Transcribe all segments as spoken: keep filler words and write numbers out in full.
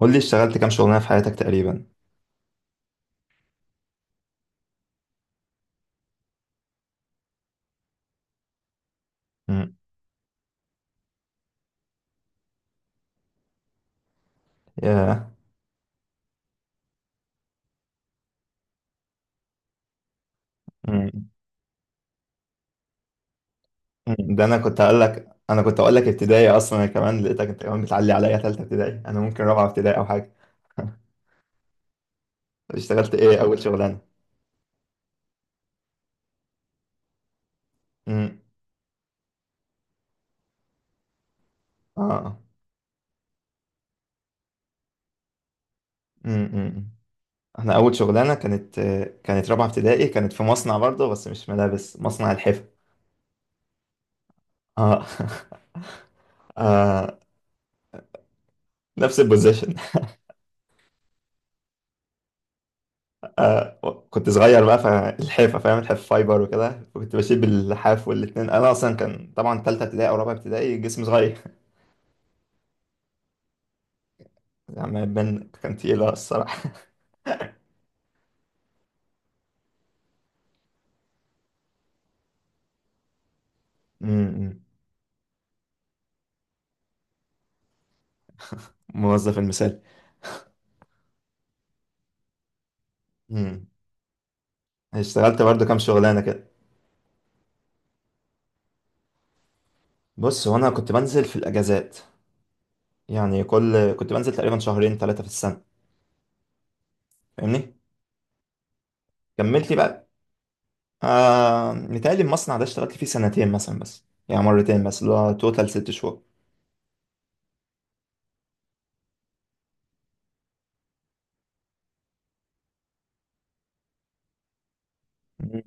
قول لي اشتغلت كام شغلانه في حياتك تقريبا؟ امم. يا. امم. أمم. ده انا كنت هقول لك، انا كنت هقول لك ابتدائي اصلا، انا كمان لقيتك انت كمان بتعلي عليا ثالثه ابتدائي، انا ممكن رابعه ابتدائي او حاجه. اشتغلت ايه اول شغلانه؟ امم. اه. امم. أمم. احنا اول شغلانه كانت آه، كانت رابعه ابتدائي، كانت في مصنع برضه بس مش ملابس، مصنع الحفا. اه. نفس البوزيشن. آه كنت صغير بقى فالحافة، فاهم؟ الحاف فايبر وكده، كنت بشيل باللحاف والاتنين. أنا أصلا كان طبعا تالتة ابتدائي أو رابعة ابتدائي، جسمي صغير. يعني ما يبان، كان تقيل الصراحة. أمم، موظف المثال. أمم. اشتغلت برضو كام شغلانة كده؟ بص، هو أنا كنت بنزل في الأجازات، يعني كل... كنت بنزل تقريبا شهرين ثلاثة في السنة، فاهمني؟ كملت بقى. آه، متهيألي المصنع ده اشتغلت فيه سنتين مثلا، بس يعني مرتين بس، اللي هو توتال ست شهور.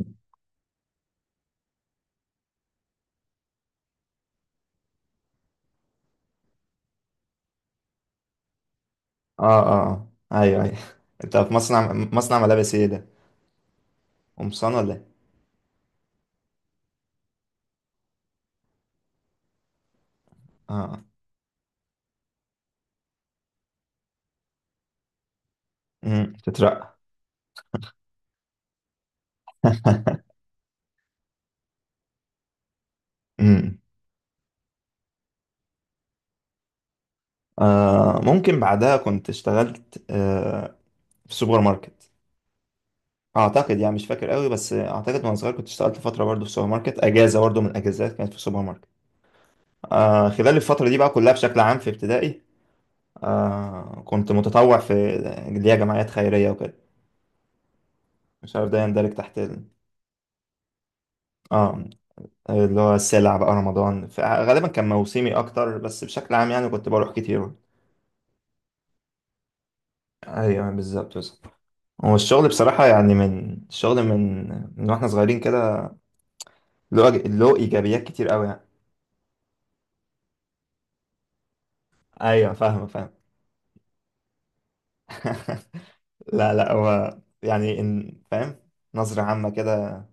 اه اه اه. ايوه ايوه. انت في مصنع مصنع ملابس ايه ده؟ قمصان ولا ايه؟ اه. امم، تترقى. امم. آه، ممكن بعدها كنت اشتغلت، آه، في سوبر ماركت. اعتقد يعني، مش فاكر قوي بس اعتقد، وانا صغير كنت اشتغلت فتره برضو في سوبر ماركت، اجازه برضو من الاجازات كانت في سوبر ماركت. آه، خلال الفتره دي بقى كلها بشكل عام في ابتدائي، آه، كنت متطوع في اللي هي جمعيات خيريه وكده. مش عارف ده يندرج تحت ال... اه، اللي هو السلع بقى رمضان، فغالبا كان موسمي اكتر، بس بشكل عام يعني كنت بروح كتير. ايوه، بالظبط بالظبط. هو الشغل بصراحه، يعني من الشغل من من واحنا صغيرين كده، له أج- له ايجابيات كتير قوي يعني. ايوه، فاهم فاهم. لا لا، هو يعني إن، فاهم؟ نظره عامه كده،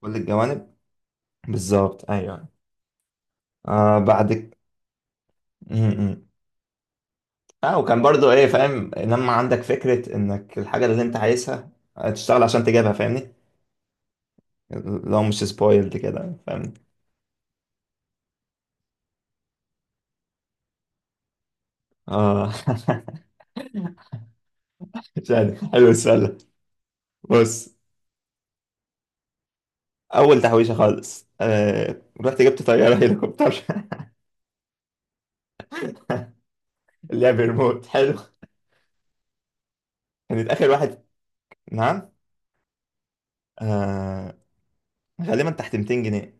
كل الجوانب. بالظبط ايوه. آه، بعد، م- م. اه، وكان برضو ايه، فاهم؟ لما عندك فكره انك الحاجه اللي انت عايزها تشتغل عشان تجيبها، فاهمني؟ لو مش سبويلد كده، فاهم؟ اه. مش عارف، حلو السؤال ده. بص، اول تحويشه خالص، آه، رحت جبت طياره هليكوبتر. اللي هي بريموت. حلو. كانت اخر واحد. نعم؟ آه، غالبا تحت مئتين جنيه.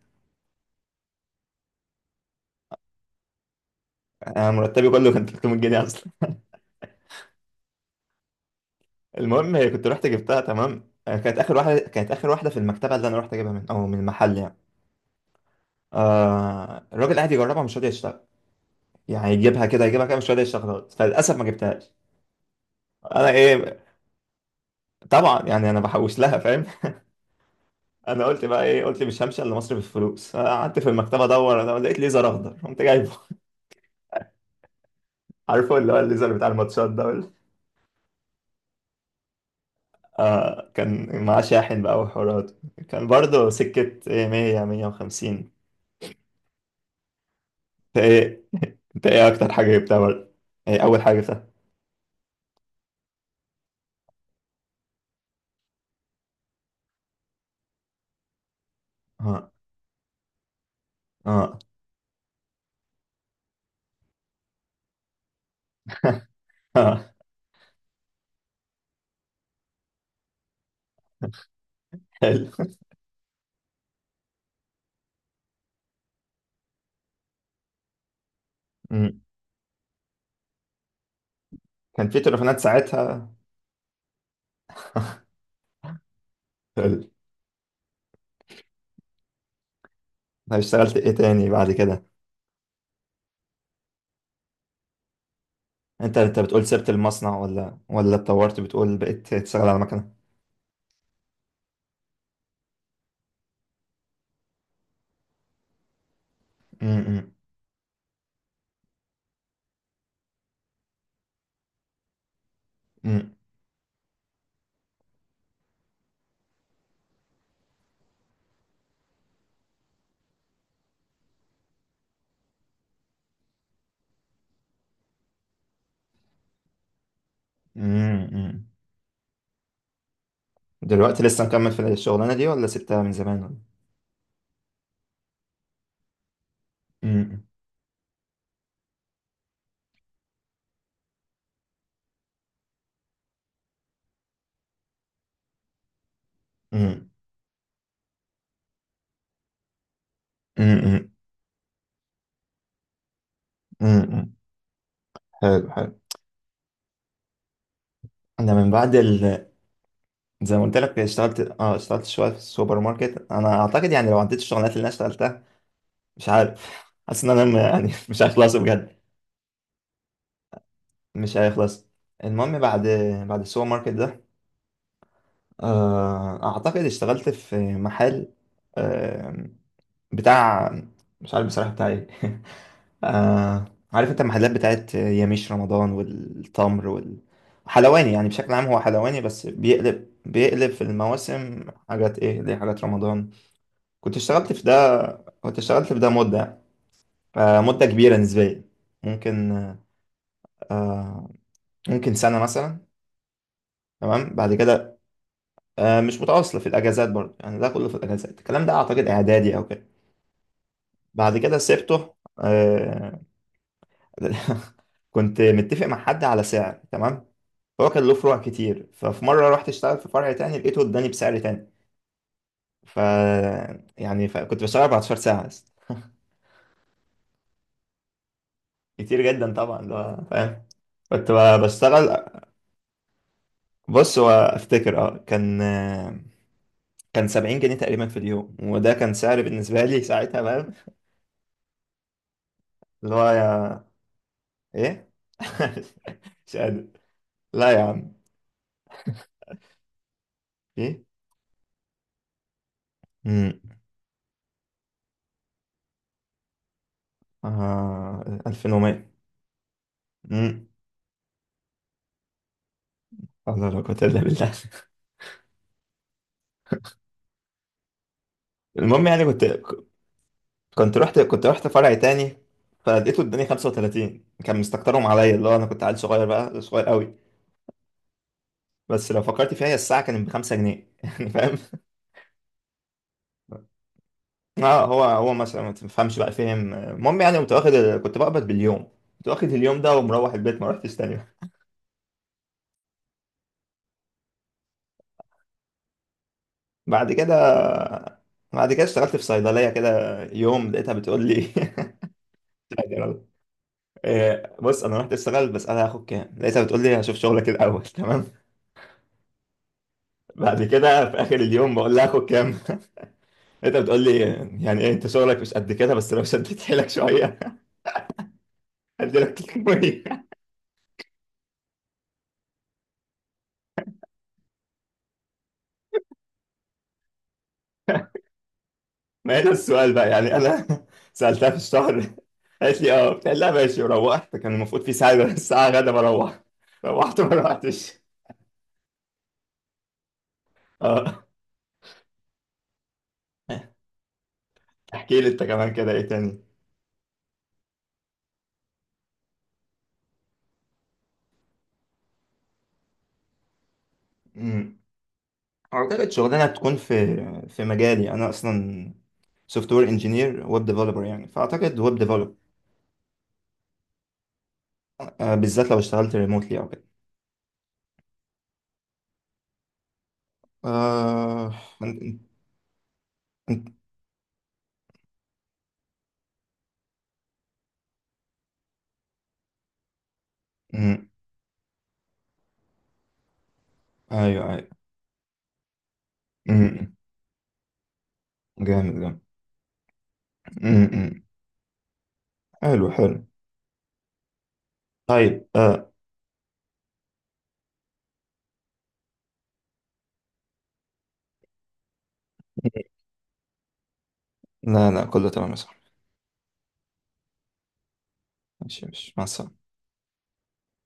آه، مرتبي كله كان تلتمية جنيه اصلا. المهم، هي كنت رحت جبتها، تمام. آه، كانت اخر واحده، كانت اخر واحده في المكتبه اللي انا رحت اجيبها من، او من المحل يعني. آه، الراجل قاعد يجربها مش راضي يشتغل، يعني يجيبها كده، يجيبها كده، مش راضي يشتغل خالص. فللاسف ما جبتهاش. انا ايه! طبعا يعني انا بحوش لها، فاهم؟ انا قلت بقى ايه؟ قلت مش همشي الا مصر بالفلوس. قعدت في المكتبه ادور، انا لقيت ليزر اخضر، قمت جايبه. عارفه اللي هو الليزر بتاع الماتشات ده ولا-؟ آه، كان معاه شاحن بقى وحوارات، كان برضه سكه إيه، مية مية وخمسين. انت ايه؟ انت ايه اكتر حاجه جبتها برضه؟ ايه اول حاجه جبتها؟ اه. اه. اه، حلو. أمم. كان في تليفونات ساعتها. حلو. طب اشتغلت ايه تاني بعد كده؟ انت انت بتقول سبت المصنع ولا ولا اتطورت بتقول بقيت تشتغل على مكنه؟ امم. امم. امم. دلوقتي لسه مكمل في الشغلانه دي ولا سبتها من زمان، ولا؟ امم. امم. امم. امم. حلو حلو. انا من بعد ال... زي ما قلت لك اشتغلت، اه اشتغلت شويه في السوبر ماركت. انا اعتقد يعني، لو عديت الشغلانات اللي انا اشتغلتها، مش عارف، حاسس ان انا م- يعني مش هيخلصوا بجد. مش هيخلص. المهم بعد، بعد السوبر ماركت ده، آه، اعتقد اشتغلت في محل بتاع، مش عارف بصراحة بتاع ايه. آه... عارف انت المحلات بتاعت ياميش رمضان والتمر وال... حلواني يعني، بشكل عام هو حلواني، بس بيقلب بيقلب في المواسم حاجات، ايه ليه، حاجات رمضان. كنت اشتغلت في ده. كنت اشتغلت في ده مدة، آه، مدة كبيرة نسبيا. ممكن، آه، ممكن سنة مثلا. تمام. بعد كده، آه، مش متواصلة في الأجازات برضه يعني، ده كله في الأجازات الكلام ده، أعتقد إعدادي أو كده. بعد كده سبته. آه. كنت متفق مع حد على سعر، تمام. هو كان له فروع كتير، ففي مرة رحت اشتغل في فرع تاني، لقيته اداني بسعر تاني. ف يعني، ف... كنت بشتغل اربعة عشر ساعة بس. كتير جدا طبعا ده، فاهم؟ كنت ب- بشتغل. بص، وافتكر اه، كان، كان سبعين جنيه تقريبا في اليوم، وده كان سعر بالنسبة لي ساعتها، فاهم؟ اللي هو يا، ايه. مش قادر، لا يا عم. ايه. امم. آه... الفين ومية. امم. لا لا، قوة إلا بالله. المهم يعني كنت، كنت رحت كنت رحت فرع تاني، فلقيته اداني خمسة وثلاثين. كان مستكترهم عليا، اللي هو انا كنت عيل صغير بقى، صغير قوي. بس لو فكرت فيها، هي الساعه كانت ب خمسة جنيه يعني فاهم؟ اه، هو هو مثلا ما تفهمش بقى فهم. المهم يعني، كنت واخد، كنت بقبض باليوم. كنت واخد اليوم ده ومروح البيت، ما رحتش تاني. بعد كده، بعد كده اشتغلت في صيدليه كده. يوم لقيتها بتقول لي إيه، بص انا رحت اشتغل بس انا هاخد كام؟ لقيتها بتقول لي هشوف شغلك الاول. تمام. بعد كده في اخر اليوم بقول لها هاخد كام؟ انت بتقول لي يعني ايه؟ انت شغلك مش قد كده، بس لو شديت حيلك شويه هديلك ثلاثمئة. ما هي ده السؤال بقى، يعني انا سالتها في الشهر. قالت لي اه. قلت لها ماشي وروحت. كان المفروض في ساعه، ساعه غدا بروح. روحت ما روحتش. اه. احكي لي انت كمان كده ايه تاني. امم. اعتقد شغلانه تكون في في مجالي انا اصلا، سوفت وير انجينير، ويب ديفلوبر يعني، فاعتقد ويب ديفلوبر، بالذات لو اشتغلت ريموتلي او كده. آه... انت- انت- امم. ايوه أيوه. أمم. جامد جامد. أمم. حلو حلو. طيب آه. لا لا، كله تمام يا صاحبي. ماشي ماشي، مع السلامة.